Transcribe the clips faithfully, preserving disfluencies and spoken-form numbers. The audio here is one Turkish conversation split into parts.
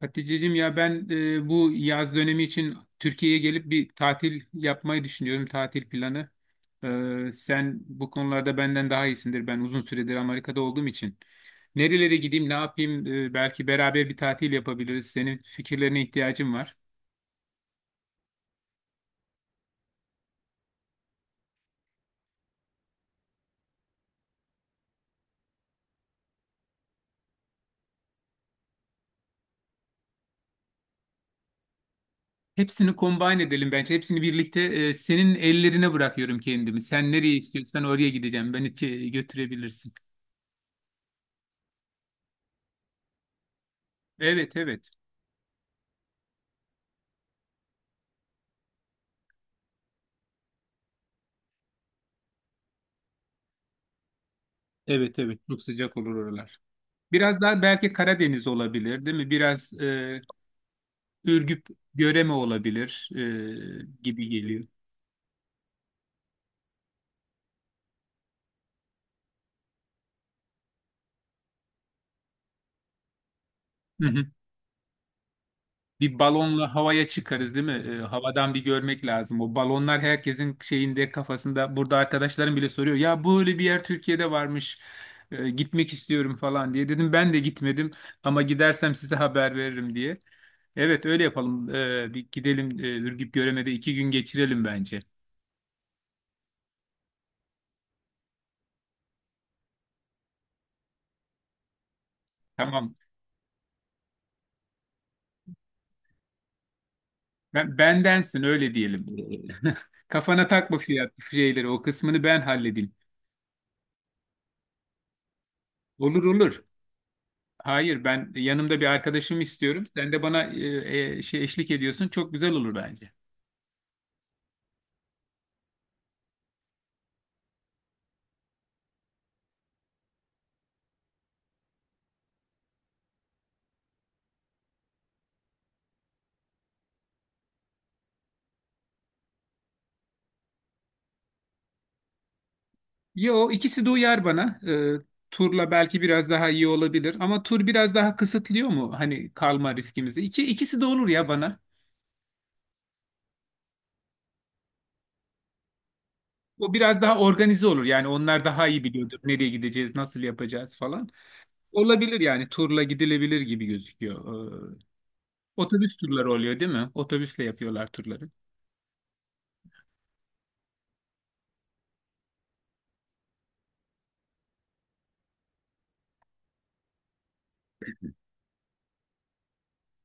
Hatice'cim ya ben e, bu yaz dönemi için Türkiye'ye gelip bir tatil yapmayı düşünüyorum, tatil planı. E, sen bu konularda benden daha iyisindir. Ben uzun süredir Amerika'da olduğum için. Nerelere gideyim, ne yapayım? E, belki beraber bir tatil yapabiliriz. Senin fikirlerine ihtiyacım var. Hepsini combine edelim bence. Hepsini birlikte e, senin ellerine bırakıyorum kendimi. Sen nereye istiyorsan oraya gideceğim. Beni e, götürebilirsin. Evet, evet. Evet, evet. Çok sıcak olur oralar. Biraz daha belki Karadeniz olabilir, değil mi? Biraz e, Ürgüp, Göreme olabilir e, gibi geliyor. Hı hı. Bir balonla havaya çıkarız, değil mi? E, havadan bir görmek lazım. O balonlar herkesin şeyinde, kafasında. Burada arkadaşlarım bile soruyor. Ya böyle bir yer Türkiye'de varmış. E, gitmek istiyorum falan diye. Dedim ben de gitmedim ama gidersem size haber veririm diye. Evet öyle yapalım. E, bir gidelim e, Ürgüp Göreme'de iki gün geçirelim bence. Tamam. Ben, bendensin öyle diyelim. Kafana takma fiyat şeyleri o kısmını ben halledeyim. Olur olur. Hayır ben yanımda bir arkadaşımı istiyorum. Sen de bana e, e, şey eşlik ediyorsun. Çok güzel olur bence. Yo ikisi de uyar bana. E, turla belki biraz daha iyi olabilir ama tur biraz daha kısıtlıyor mu hani kalma riskimizi? İki, ikisi de olur ya bana. O biraz daha organize olur. Yani onlar daha iyi biliyordur nereye gideceğiz, nasıl yapacağız falan. Olabilir yani turla gidilebilir gibi gözüküyor. Ee, Otobüs turları oluyor değil mi? Otobüsle yapıyorlar turları.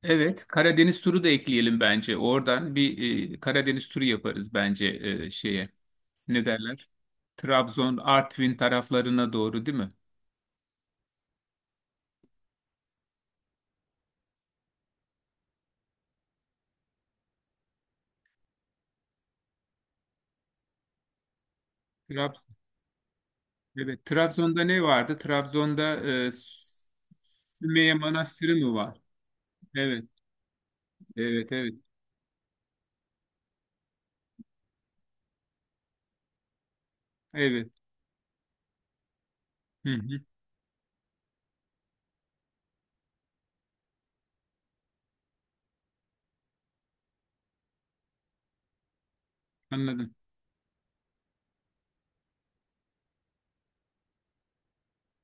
Evet, Karadeniz turu da ekleyelim bence. Oradan bir e, Karadeniz turu yaparız bence e, şeye. Ne derler? Trabzon, Artvin taraflarına doğru değil mi? Trab evet, Trabzon'da ne vardı? Trabzon'da e, Sümeyye Manastırı mı var? Evet, evet, evet. Evet. Hı hı, anladım.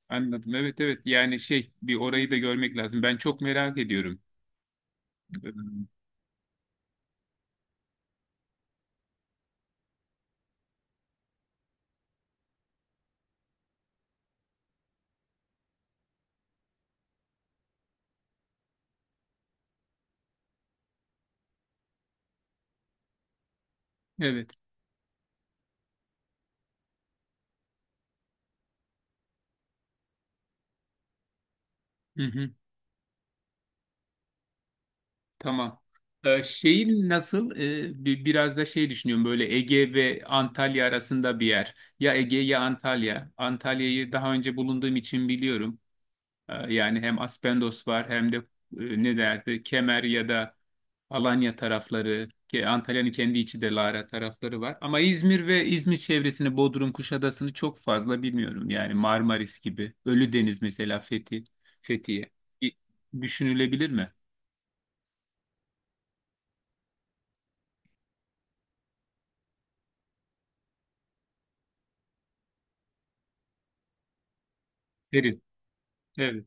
Anladım. Evet, evet. Yani şey, bir orayı da görmek lazım. Ben çok merak ediyorum. Ee, Evet. Hı hı. Tamam. Ee, şeyin nasıl? Ee, bi- biraz da şey düşünüyorum böyle Ege ve Antalya arasında bir yer. Ya Ege ya Antalya. Antalya'yı daha önce bulunduğum için biliyorum. Ee, yani hem Aspendos var hem de e, ne derdi Kemer ya da Alanya tarafları. Ki Antalya'nın kendi içi de Lara tarafları var. Ama İzmir ve İzmir çevresini Bodrum, Kuşadası'nı çok fazla bilmiyorum. Yani Marmaris gibi. Ölüdeniz mesela Fethi, Fethiye. İ- Düşünülebilir mi? Derin. Evet.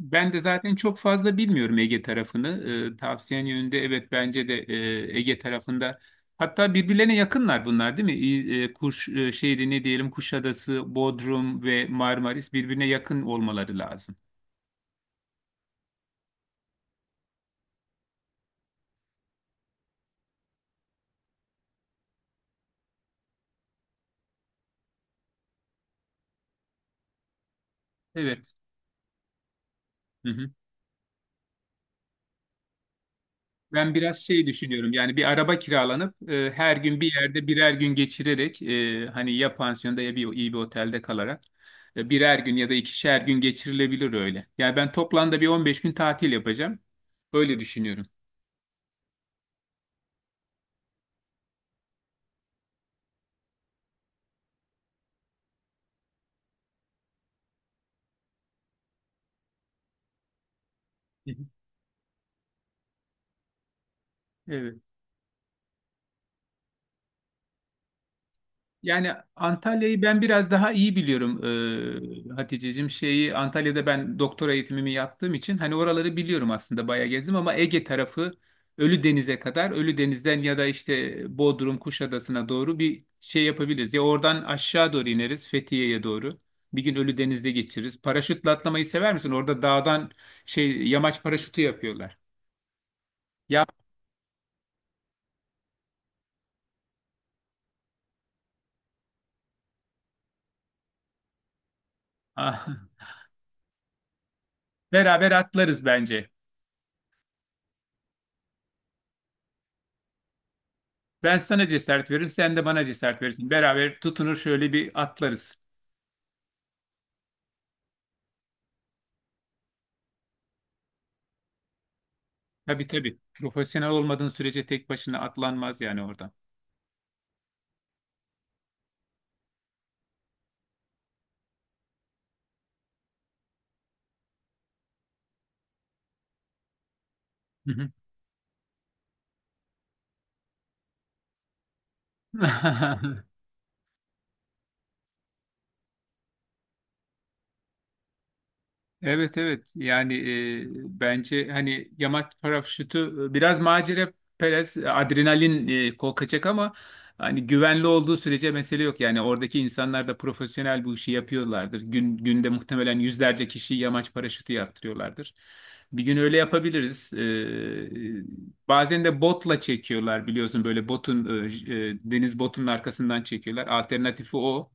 Ben de zaten çok fazla bilmiyorum Ege tarafını. Ee, tavsiyen yönünde evet bence de e, Ege tarafında. Hatta birbirlerine yakınlar bunlar değil mi? İ- e, Kuş e, şeydi ne diyelim Kuşadası, Bodrum ve Marmaris birbirine yakın olmaları lazım. Evet. Hı hı. Ben biraz şey düşünüyorum yani bir araba kiralanıp e, her gün bir yerde birer gün geçirerek e, hani ya pansiyonda ya bir iyi bir otelde kalarak e, birer gün ya da ikişer gün geçirilebilir öyle. Yani ben toplamda bir on beş gün tatil yapacağım. Öyle düşünüyorum. Hı hı. Evet. Yani Antalya'yı ben biraz daha iyi biliyorum e, Haticeciğim. Şeyi Antalya'da ben doktora eğitimimi yaptığım için hani oraları biliyorum aslında bayağı gezdim ama Ege tarafı Ölüdeniz'e kadar Ölüdeniz'den ya da işte Bodrum Kuşadası'na doğru bir şey yapabiliriz. Ya oradan aşağı doğru ineriz Fethiye'ye doğru. Bir gün Ölüdeniz'de geçiririz. Paraşütle atlamayı sever misin? Orada dağdan şey yamaç paraşütü yapıyorlar. Ya beraber atlarız bence. Ben sana cesaret veririm, sen de bana cesaret verirsin. Beraber tutunur şöyle bir atlarız. Tabii tabii. Profesyonel olmadığın sürece tek başına atlanmaz yani oradan. Hı hı. Evet evet yani e, bence hani yamaç paraşütü e, biraz macera perest adrenalin e, kokacak ama hani güvenli olduğu sürece mesele yok. Yani oradaki insanlar da profesyonel bu işi yapıyorlardır. Gün, günde muhtemelen yüzlerce kişi yamaç paraşütü yaptırıyorlardır. Bir gün öyle yapabiliriz. E, e, Bazen de botla çekiyorlar biliyorsun böyle botun e, j- e, deniz botunun arkasından çekiyorlar. Alternatifi o.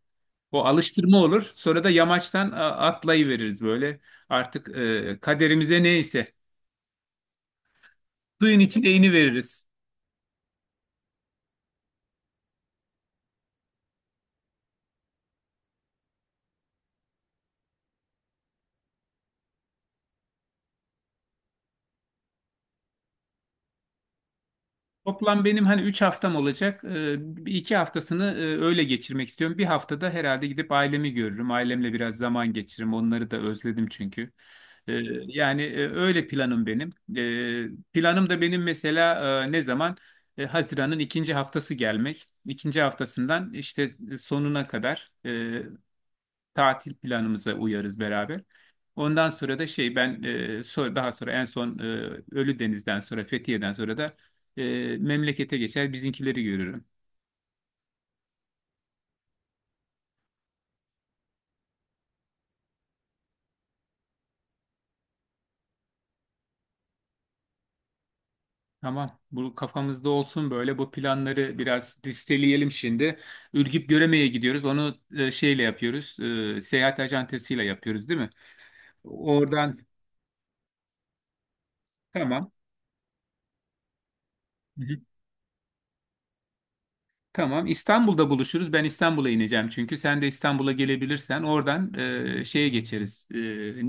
O alıştırma olur. Sonra da yamaçtan a- atlayıveririz böyle. Artık e, kaderimize neyse suyun içine iğne veririz. Toplam benim hani üç haftam olacak. E, iki haftasını e, öyle geçirmek istiyorum. Bir haftada herhalde gidip ailemi görürüm. Ailemle biraz zaman geçiririm. Onları da özledim çünkü. E, Yani e, öyle planım benim. E, planım da benim mesela e, ne zaman? E, Haziran'ın ikinci haftası gelmek. İkinci haftasından işte sonuna kadar e, tatil planımıza uyarız beraber. Ondan sonra da şey ben e, sonra, daha sonra en son e, Ölüdeniz'den sonra Fethiye'den sonra da e, memlekete geçer bizimkileri görürüm. Tamam, bu kafamızda olsun böyle bu planları biraz listeleyelim şimdi. Ürgüp Göreme'ye gidiyoruz. Onu e, şeyle yapıyoruz. E, seyahat acentesiyle yapıyoruz değil mi? Oradan tamam. Tamam. İstanbul'da buluşuruz. Ben İstanbul'a ineceğim çünkü. Sen de İstanbul'a gelebilirsen oradan e, şeye geçeriz. E,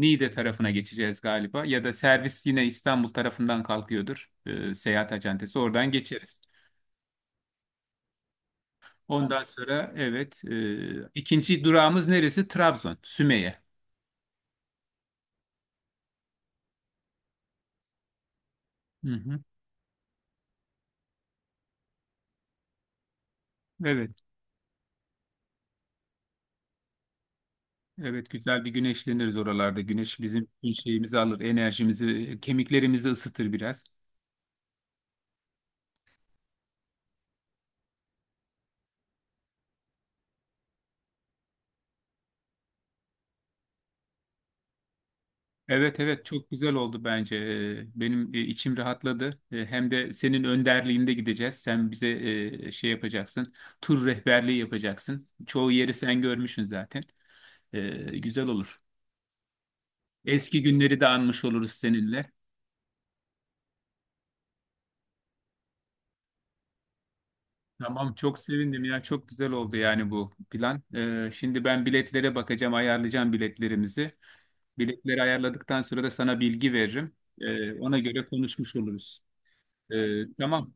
Niğde tarafına geçeceğiz galiba. Ya da servis yine İstanbul tarafından kalkıyordur. E, seyahat acentesi. Oradan geçeriz. Ondan sonra evet e, ikinci durağımız neresi? Trabzon, Sümeyye. Hı hı. Evet. Evet güzel bir güneşleniriz oralarda. Güneş bizim bütün şeyimizi alır, enerjimizi, kemiklerimizi ısıtır biraz. Evet evet çok güzel oldu bence. Ee, Benim e, içim rahatladı. Ee, Hem de senin önderliğinde gideceğiz. Sen bize e, şey yapacaksın. Tur rehberliği yapacaksın. Çoğu yeri sen görmüşsün zaten. Ee, Güzel olur. Eski günleri de anmış oluruz seninle. Tamam çok sevindim ya. Çok güzel oldu yani bu plan. Ee, Şimdi ben biletlere bakacağım, ayarlayacağım biletlerimizi. Biletleri ayarladıktan sonra da sana bilgi veririm. Ee, Ona göre konuşmuş oluruz. Ee, Tamam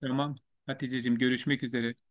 tamam. Haticeciğim görüşmek üzere.